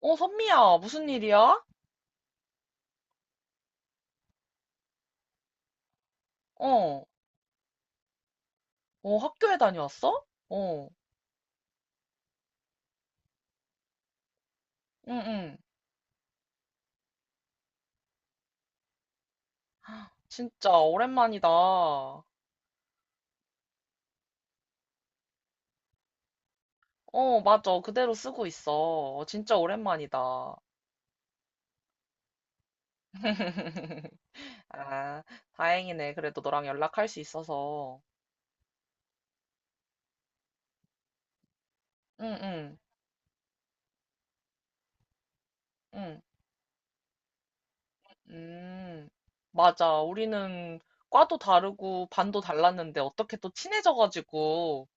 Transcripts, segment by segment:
어, 선미야, 무슨 일이야? 어, 어, 학교에 다녀왔어? 어, 응, 응. 진짜 오랜만이다. 어, 맞아. 그대로 쓰고 있어. 어, 진짜 오랜만이다. 아, 다행이네. 그래도 너랑 연락할 수 있어서. 응, 응, 응, 음. 맞아. 우리는 과도 다르고 반도 달랐는데 어떻게 또 친해져가지고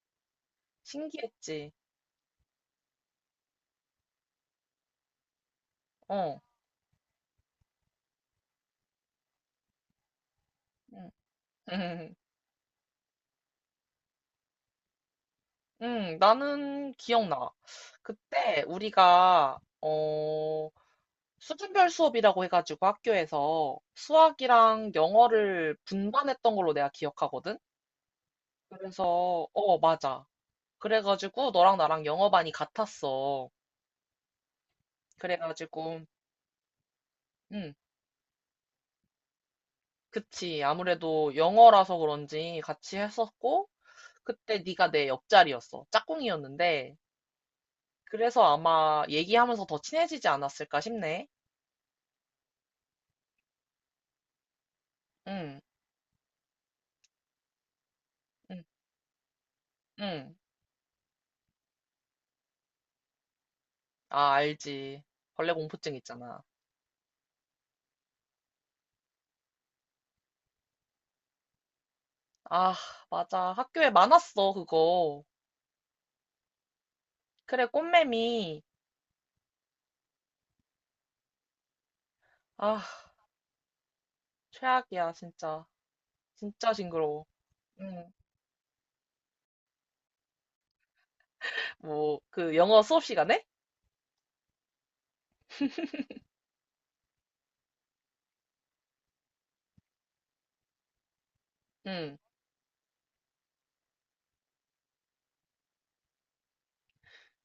신기했지. 어, 응. 응, 나는 기억나. 그때 우리가, 어, 수준별 수업이라고 해가지고 학교에서 수학이랑 영어를 분반했던 걸로 내가 기억하거든? 그래서, 어, 맞아. 그래가지고 너랑 나랑 영어반이 같았어. 그래가지고, 응, 그치. 아무래도 영어라서 그런지 같이 했었고, 그때 네가 내 옆자리였어. 짝꿍이었는데, 그래서 아마 얘기하면서 더 친해지지 않았을까 싶네. 응, 응, 응. 아, 알지. 벌레 공포증 있잖아. 아, 맞아. 학교에 많았어, 그거. 그래, 꽃매미. 아, 최악이야, 진짜. 진짜 징그러워. 응. 뭐, 그 영어 수업 시간에? 응.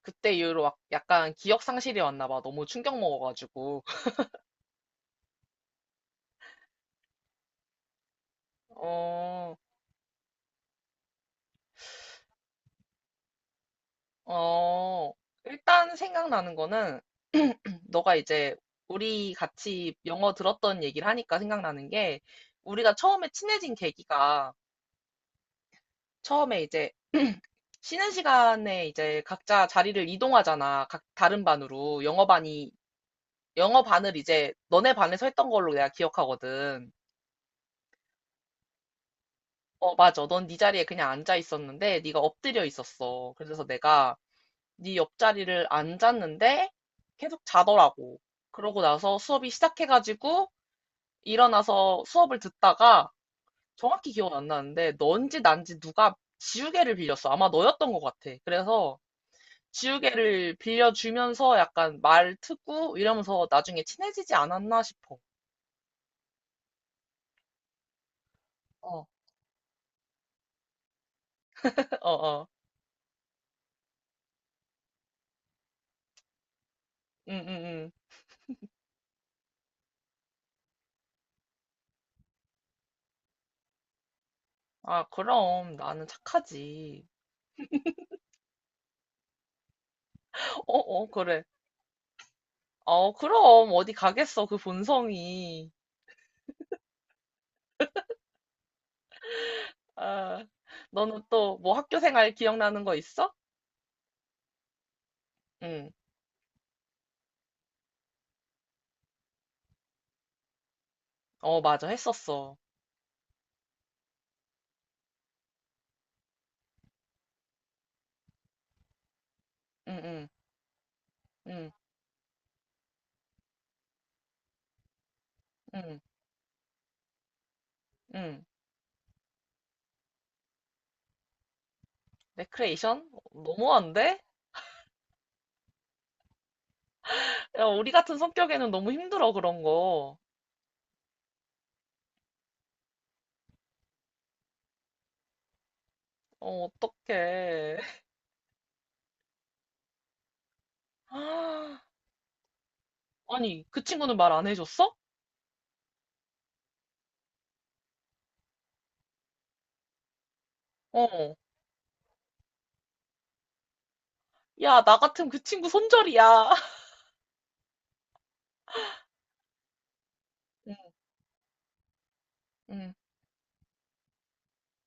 그때 이후로 막 약간 기억 상실이 왔나 봐. 너무 충격 먹어가지고. 어, 어. 일단 생각나는 거는, 너가 이제 우리 같이 영어 들었던 얘기를 하니까 생각나는 게, 우리가 처음에 친해진 계기가 처음에 이제 쉬는 시간에 이제 각자 자리를 이동하잖아. 각 다른 반으로. 영어 반을 이제 너네 반에서 했던 걸로 내가 기억하거든. 어, 맞아. 넌 네 자리에 그냥 앉아 있었는데 네가 엎드려 있었어. 그래서 내가 네 옆자리를 앉았는데 계속 자더라고. 그러고 나서 수업이 시작해가지고 일어나서 수업을 듣다가 정확히 기억은 안 나는데 넌지 난지 누가 지우개를 빌렸어. 아마 너였던 것 같아. 그래서 지우개를 빌려주면서 약간 말 트고 이러면서 나중에 친해지지 않았나 싶어. 어, 어, 어. 응, 응, 응. 아, 그럼 나는 착하지. 어, 어, 그래. 어, 그럼 어디 가겠어, 그 본성이. 아, 너는 또 뭐 학교 생활 기억나는 거 있어? 응. 어, 맞아. 했었어. 응, 응, 응, 응, 응. 레크레이션? 너무한데? 야, 우리 같은 성격에는 너무 힘들어, 그런 거. 어, 어떡해. 아니, 그 친구는 말 안 해줬어? 어. 야, 나 같으면 그 친구 손절이야. 응, 응,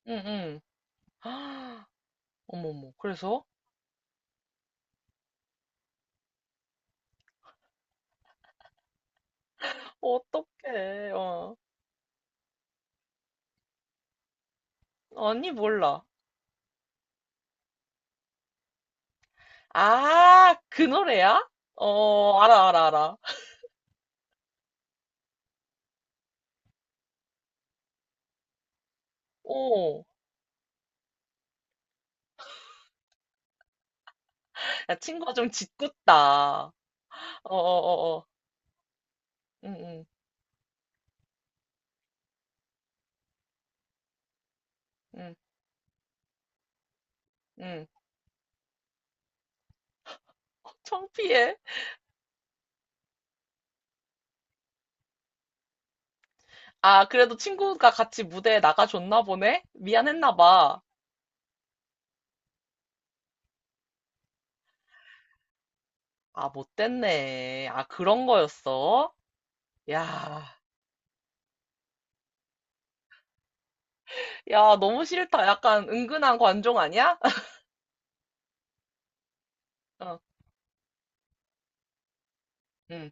응, 응. 아, 어머머. 그래서? 어떡해. 어. 언니 몰라. 아, 그 노래야? 어, 알아, 알아, 알아. 오, 야, 친구가 좀 짓궂다. 어, 어, 어, 어. 응, 응, 응, 응. 창피해. 아, 그래도 친구가 같이 무대에 나가줬나 보네? 미안했나 봐. 아, 못됐네. 아, 그런 거였어? 야, 야, 너무 싫다. 약간 은근한 관종 아니야? 어, 응.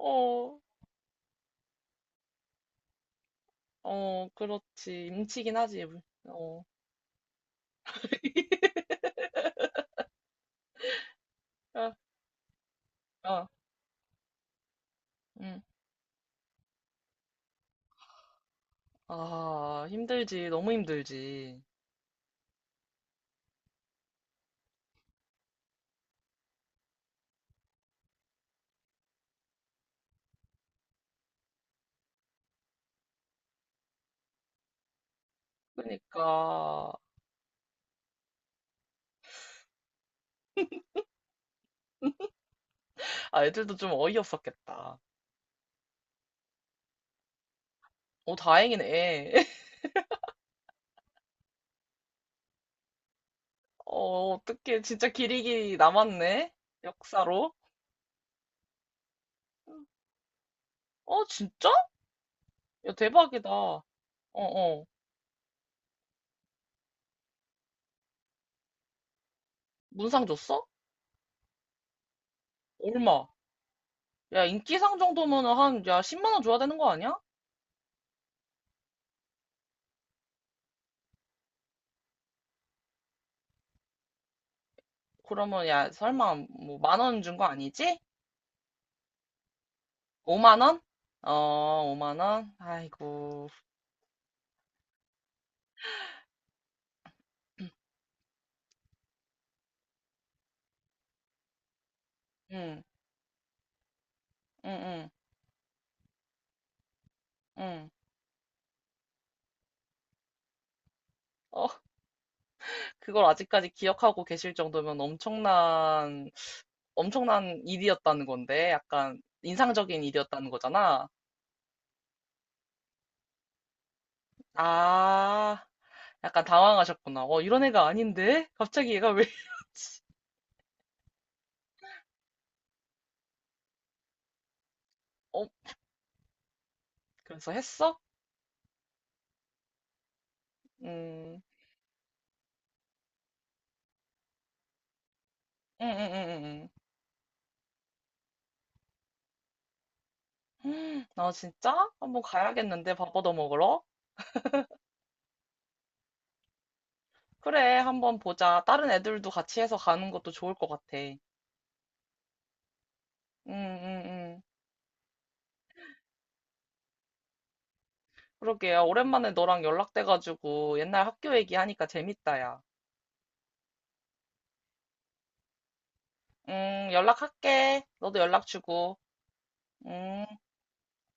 어, 어, 그렇지. 임치긴 하지. 어, 어, 어, 응 아, 힘들지. 너무 힘들지. 그러니까. 아, 애들도 좀 어이없었겠다. 오 다행이네. 어, 어떡해. 진짜 기리기 남았네. 역사로. 어, 진짜? 야, 대박이다. 어, 어. 문상 줬어? 얼마? 야, 인기상 정도면은 한, 야, 10만 원 줘야 되는 거 아니야? 그러면 야 설마 뭐 만 원 준거 아니지? 5만 원? 어, 5만 원? 아이고. 응, 응, 응, 응. 어, 그걸 아직까지 기억하고 계실 정도면 엄청난 일이었다는 건데, 약간 인상적인 일이었다는 거잖아. 아, 약간 당황하셨구나. 어, 이런 애가 아닌데? 갑자기 얘가 왜 이러지? 어, 그래서 했어? 음, 응, 응, 응, 응. 응. 나 진짜? 한번 가야겠는데, 밥얻어 먹으러? 그래, 한번 보자. 다른 애들도 같이 해서 가는 것도 좋을 것 같아. 응, 응, 응. 그러게요. 오랜만에 너랑 연락돼가지고 옛날 학교 얘기하니까 재밌다, 야. 연락할게. 너도 연락 주고. 음.